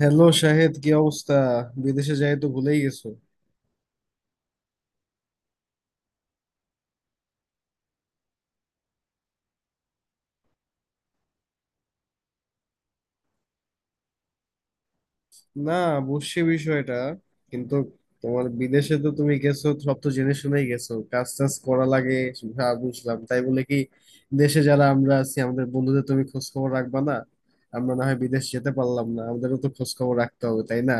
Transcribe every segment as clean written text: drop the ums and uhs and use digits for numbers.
Hello Shahed, কি অবস্থা? বিদেশে যাই তো ভুলেই গেছো। না, বুঝছি বিষয়টা, কিন্তু তোমার বিদেশে তো তুমি গেছো, সব তো জেনে শুনেই গেছো, কাজ টাজ করা লাগে। হ্যাঁ, বুঝলাম, তাই বলে কি দেশে যারা আমরা আছি আমাদের বন্ধুদের তুমি খোঁজ খবর রাখবা না? আমরা না হয় বিদেশ যেতে পারলাম না, আমাদেরও তো খোঁজ খবর রাখতে হবে, তাই না?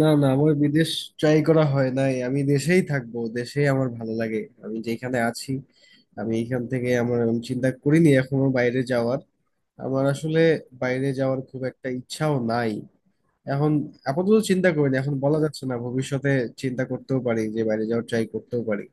না না, আমার বিদেশ ট্রাই করা হয় নাই, আমি দেশেই থাকবো, দেশেই আমার ভালো লাগে। আমি যেখানে আছি, আমি এখান থেকে আমি চিন্তা করিনি এখনো বাইরে যাওয়ার। আমার আসলে বাইরে যাওয়ার খুব একটা ইচ্ছাও নাই এখন। আপাতত চিন্তা করিনি, এখন বলা যাচ্ছে না, ভবিষ্যতে চিন্তা করতেও পারি যে বাইরে যাওয়ার ট্রাই করতেও পারি।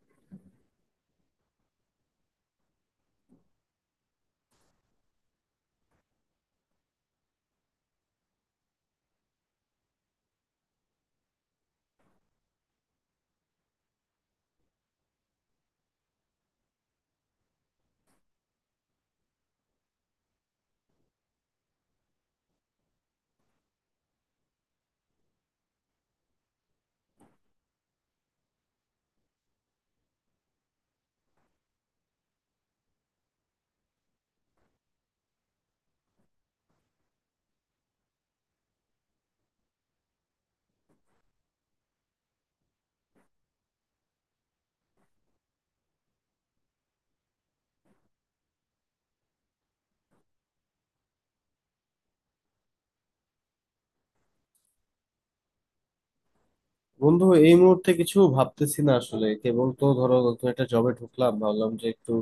বন্ধু, এই মুহূর্তে কিছু ভাবতেছি না আসলে, কেবল তো ধরো নতুন একটা জবে ঢুকলাম, ভাবলাম যে একটু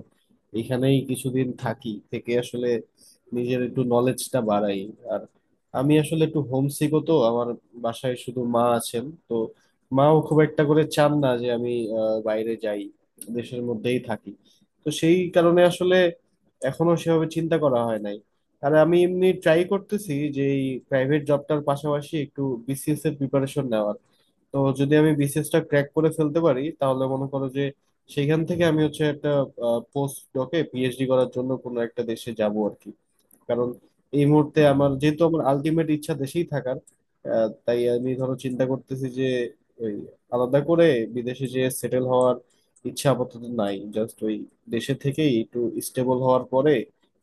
এখানেই কিছুদিন থাকি, থেকে আসলে নিজের একটু নলেজটা বাড়াই। আর আমি আসলে একটু হোমসিকও, তো আমার বাসায় শুধু মা আছেন, তো মাও খুব একটা করে চান না যে আমি বাইরে যাই, দেশের মধ্যেই থাকি। তো সেই কারণে আসলে এখনো সেভাবে চিন্তা করা হয় নাই। আর আমি এমনি ট্রাই করতেছি যে এই প্রাইভেট জবটার পাশাপাশি একটু বিসিএস এর প্রিপারেশন নেওয়ার। তো যদি আমি বিসিএসটা ক্র্যাক করে ফেলতে পারি, তাহলে মনে করো যে সেখান থেকে আমি হচ্ছে একটা পোস্ট ডকে পিএইচডি করার জন্য কোনো একটা দেশে যাব আর কি। কারণ এই মুহূর্তে আমার যেহেতু আমার আলটিমেট ইচ্ছা দেশেই থাকার। তাই আমি ধরো চিন্তা করতেছি যে ওই আলাদা করে বিদেশে যে সেটেল হওয়ার ইচ্ছা আপাতত নাই, জাস্ট ওই দেশে থেকেই একটু স্টেবল হওয়ার পরে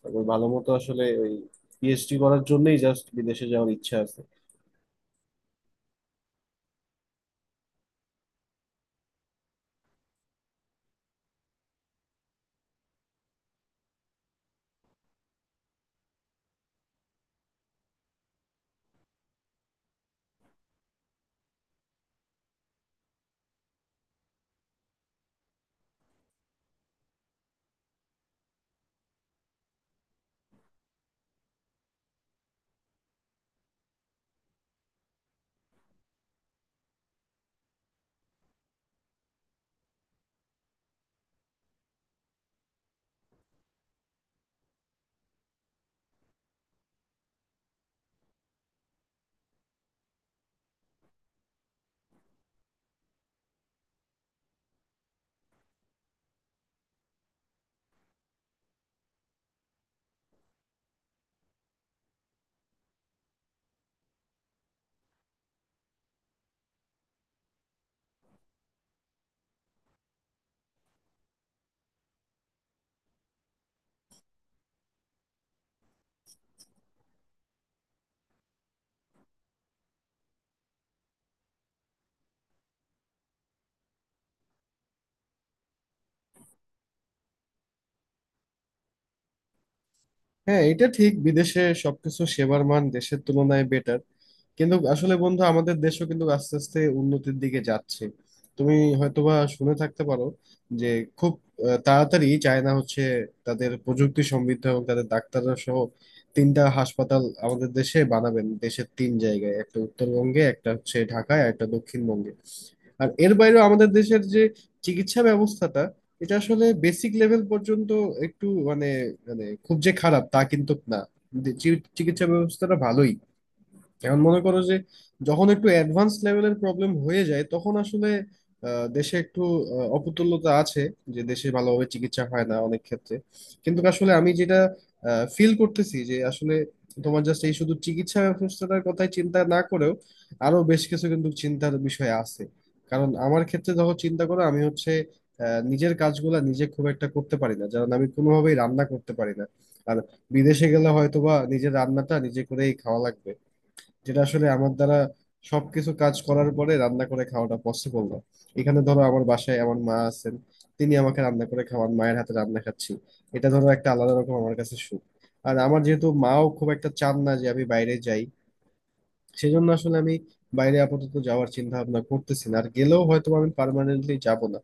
তারপর ভালো মতো আসলে ওই পিএইচডি করার জন্যই জাস্ট বিদেশে যাওয়ার ইচ্ছা আছে। হ্যাঁ, এটা ঠিক, বিদেশে সবকিছু সেবার মান দেশের তুলনায় বেটার, কিন্তু আসলে বন্ধু, আমাদের দেশও কিন্তু আস্তে আস্তে উন্নতির দিকে যাচ্ছে। তুমি হয়তোবা শুনে থাকতে পারো যে খুব তাড়াতাড়ি চায়না হচ্ছে তাদের প্রযুক্তি সমৃদ্ধ এবং তাদের ডাক্তাররা সহ 3টা হাসপাতাল আমাদের দেশে বানাবেন, দেশের তিন জায়গায়, একটা উত্তরবঙ্গে, একটা হচ্ছে ঢাকায়, আর একটা দক্ষিণবঙ্গে। আর এর বাইরেও আমাদের দেশের যে চিকিৎসা ব্যবস্থাটা, এটা আসলে বেসিক লেভেল পর্যন্ত একটু মানে, মানে খুব যে খারাপ তা কিন্তু না, যে চিকিৎসা ব্যবস্থাটা ভালোই। এখন মনে করো যে যখন একটু অ্যাডভান্স লেভেলের প্রবলেম হয়ে যায় তখন আসলে দেশে একটু অপতুল্যতা আছে, যে দেশে ভালোভাবে চিকিৎসা হয় না অনেক ক্ষেত্রে। কিন্তু আসলে আমি যেটা ফিল করতেছি যে আসলে তোমার জাস্ট এই শুধু চিকিৎসা ব্যবস্থাটার কথাই চিন্তা না করেও আরো বেশ কিছু কিন্তু চিন্তার বিষয় আছে। কারণ আমার ক্ষেত্রে যখন চিন্তা করো, আমি হচ্ছে নিজের কাজগুলা নিজে খুব একটা করতে পারি না, কারণ আমি কোনোভাবেই রান্না করতে পারি না। আর বিদেশে গেলে হয়তোবা নিজের রান্নাটা নিজে করেই খাওয়া লাগবে, যেটা আসলে আমার দ্বারা সবকিছু কাজ করার পরে রান্না করে খাওয়াটা পসিবল না। এখানে ধরো আমার বাসায় আমার মা আছেন, তিনি আমাকে রান্না করে খাওয়ান, মায়ের হাতে রান্না খাচ্ছি, এটা ধরো একটা আলাদা রকম আমার কাছে সুখ। আর আমার যেহেতু মাও খুব একটা চান না যে আমি বাইরে যাই, সেজন্য আসলে আমি বাইরে আপাতত যাওয়ার চিন্তা ভাবনা করতেছি না, আর গেলেও হয়তো আমি পার্মানেন্টলি যাব না।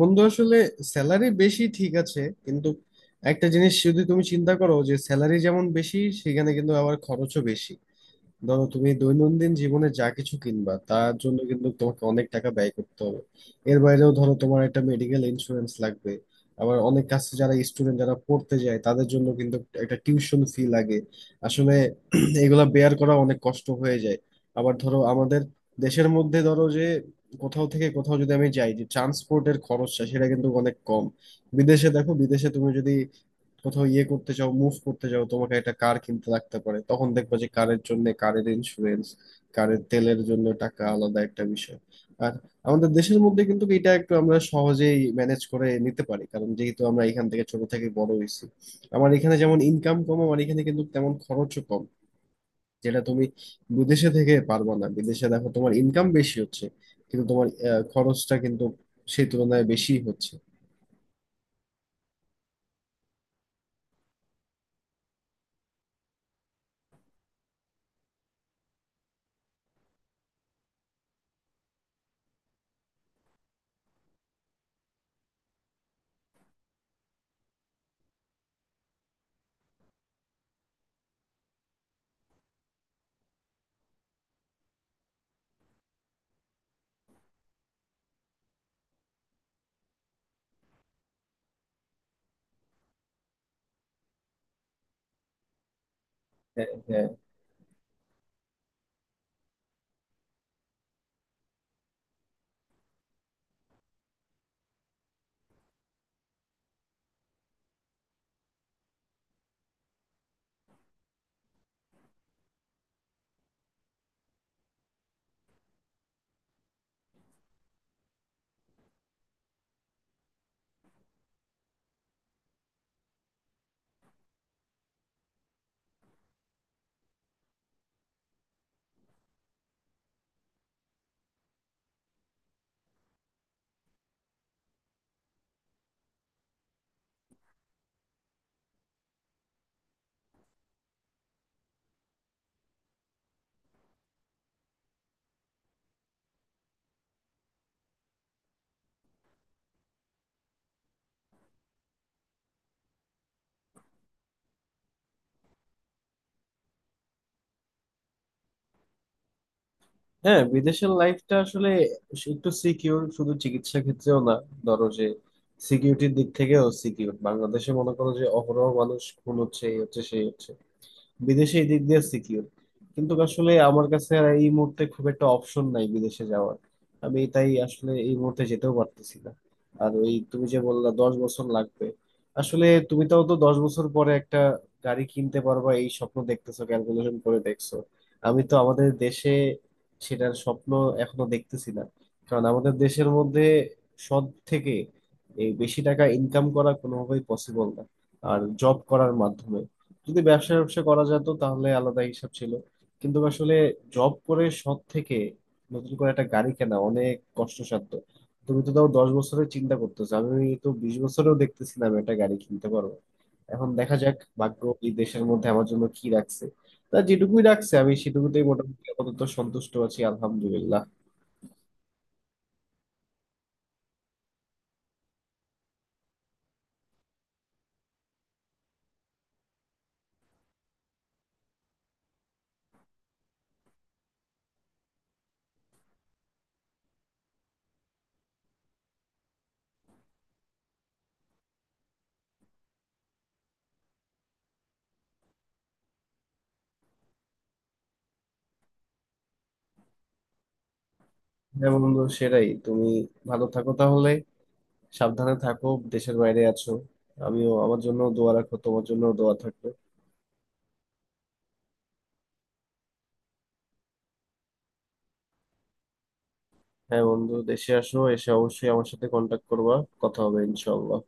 বন্ধু আসলে স্যালারি বেশি ঠিক আছে, কিন্তু একটা জিনিস যদি তুমি চিন্তা করো, যে স্যালারি যেমন বেশি, সেখানে কিন্তু আবার খরচও বেশি। ধরো তুমি দৈনন্দিন জীবনে যা কিছু কিনবা তার জন্য কিন্তু তোমাকে অনেক টাকা ব্যয় করতে হবে। এর বাইরেও ধরো তোমার একটা মেডিকেল ইন্স্যুরেন্স লাগবে। আবার অনেক কাছে যারা স্টুডেন্ট, যারা পড়তে যায়, তাদের জন্য কিন্তু একটা টিউশন ফি লাগে। আসলে এগুলা বেয়ার করা অনেক কষ্ট হয়ে যায়। আবার ধরো আমাদের দেশের মধ্যে ধরো যে কোথাও থেকে কোথাও যদি আমি যাই, যে ট্রান্সপোর্টের খরচটা সেটা কিন্তু অনেক কম। বিদেশে দেখো, বিদেশে তুমি যদি কোথাও ইয়ে করতে চাও, মুভ করতে চাও, তোমাকে একটা কার কিনতে লাগতে পারে, তখন দেখবা যে কারের জন্য কারের ইন্স্যুরেন্স, কারের তেলের জন্য টাকা আলাদা একটা বিষয়। আর আমাদের দেশের মধ্যে কিন্তু এটা একটু আমরা সহজেই ম্যানেজ করে নিতে পারি, কারণ যেহেতু আমরা এখান থেকে ছোট থেকে বড় হয়েছি। আমার এখানে যেমন ইনকাম কম, আমার এখানে কিন্তু তেমন খরচও কম, যেটা তুমি বিদেশে থেকে পারবা না। বিদেশে দেখো তোমার ইনকাম বেশি হচ্ছে, কিন্তু তোমার খরচটা কিন্তু সেই তুলনায় বেশি হচ্ছে। হ্যাঁ, বিদেশের লাইফটা আসলে একটু সিকিউর, শুধু চিকিৎসা ক্ষেত্রেও না, ধরো যে সিকিউরিটির দিক থেকেও সিকিউর। বাংলাদেশে মনে করো যে অহরহ মানুষ খুন হচ্ছে, এই হচ্ছে, সেই হচ্ছে, বিদেশে এই দিক দিয়ে সিকিউর। কিন্তু আসলে আমার কাছে আর এই মুহূর্তে খুব একটা অপশন নাই বিদেশে যাওয়ার, আমি তাই আসলে এই মুহূর্তে যেতেও পারতেছি না। আর ওই তুমি যে বললা 10 বছর লাগবে, আসলে তুমি তাও তো 10 বছর পরে একটা গাড়ি কিনতে পারবা, এই স্বপ্ন দেখতেছো, ক্যালকুলেশন করে দেখছো। আমি তো আমাদের দেশে সেটার স্বপ্ন এখনো দেখতেছি না, কারণ আমাদের দেশের মধ্যে সৎ থেকে এই বেশি টাকা ইনকাম করা কোনোভাবেই পসিবল না, আর জব করার মাধ্যমে। যদি ব্যবসা ব্যবসা করা যেত তাহলে আলাদা হিসাব ছিল, কিন্তু আসলে জব করে সৎ থেকে নতুন করে একটা গাড়ি কেনা অনেক কষ্টসাধ্য। তুমি তো তাও 10 বছরের চিন্তা করতেছো, আমি তো 20 বছরেও দেখতেছিলাম একটা গাড়ি কিনতে পারবো। এখন দেখা যাক ভাগ্য এই দেশের মধ্যে আমার জন্য কি রাখছে, তা যেটুকুই রাখছে আমি সেটুকুতেই মোটামুটি আপাতত সন্তুষ্ট আছি, আলহামদুলিল্লাহ। হ্যাঁ বন্ধু, সেটাই। তুমি ভালো থাকো তাহলে, সাবধানে থাকো, দেশের বাইরে আছো। আমিও, আমার জন্য দোয়া রাখো, তোমার জন্য দোয়া থাকবে। হ্যাঁ বন্ধু, দেশে আসো, এসে অবশ্যই আমার সাথে কন্টাক্ট করবা, কথা হবে ইনশাল্লাহ।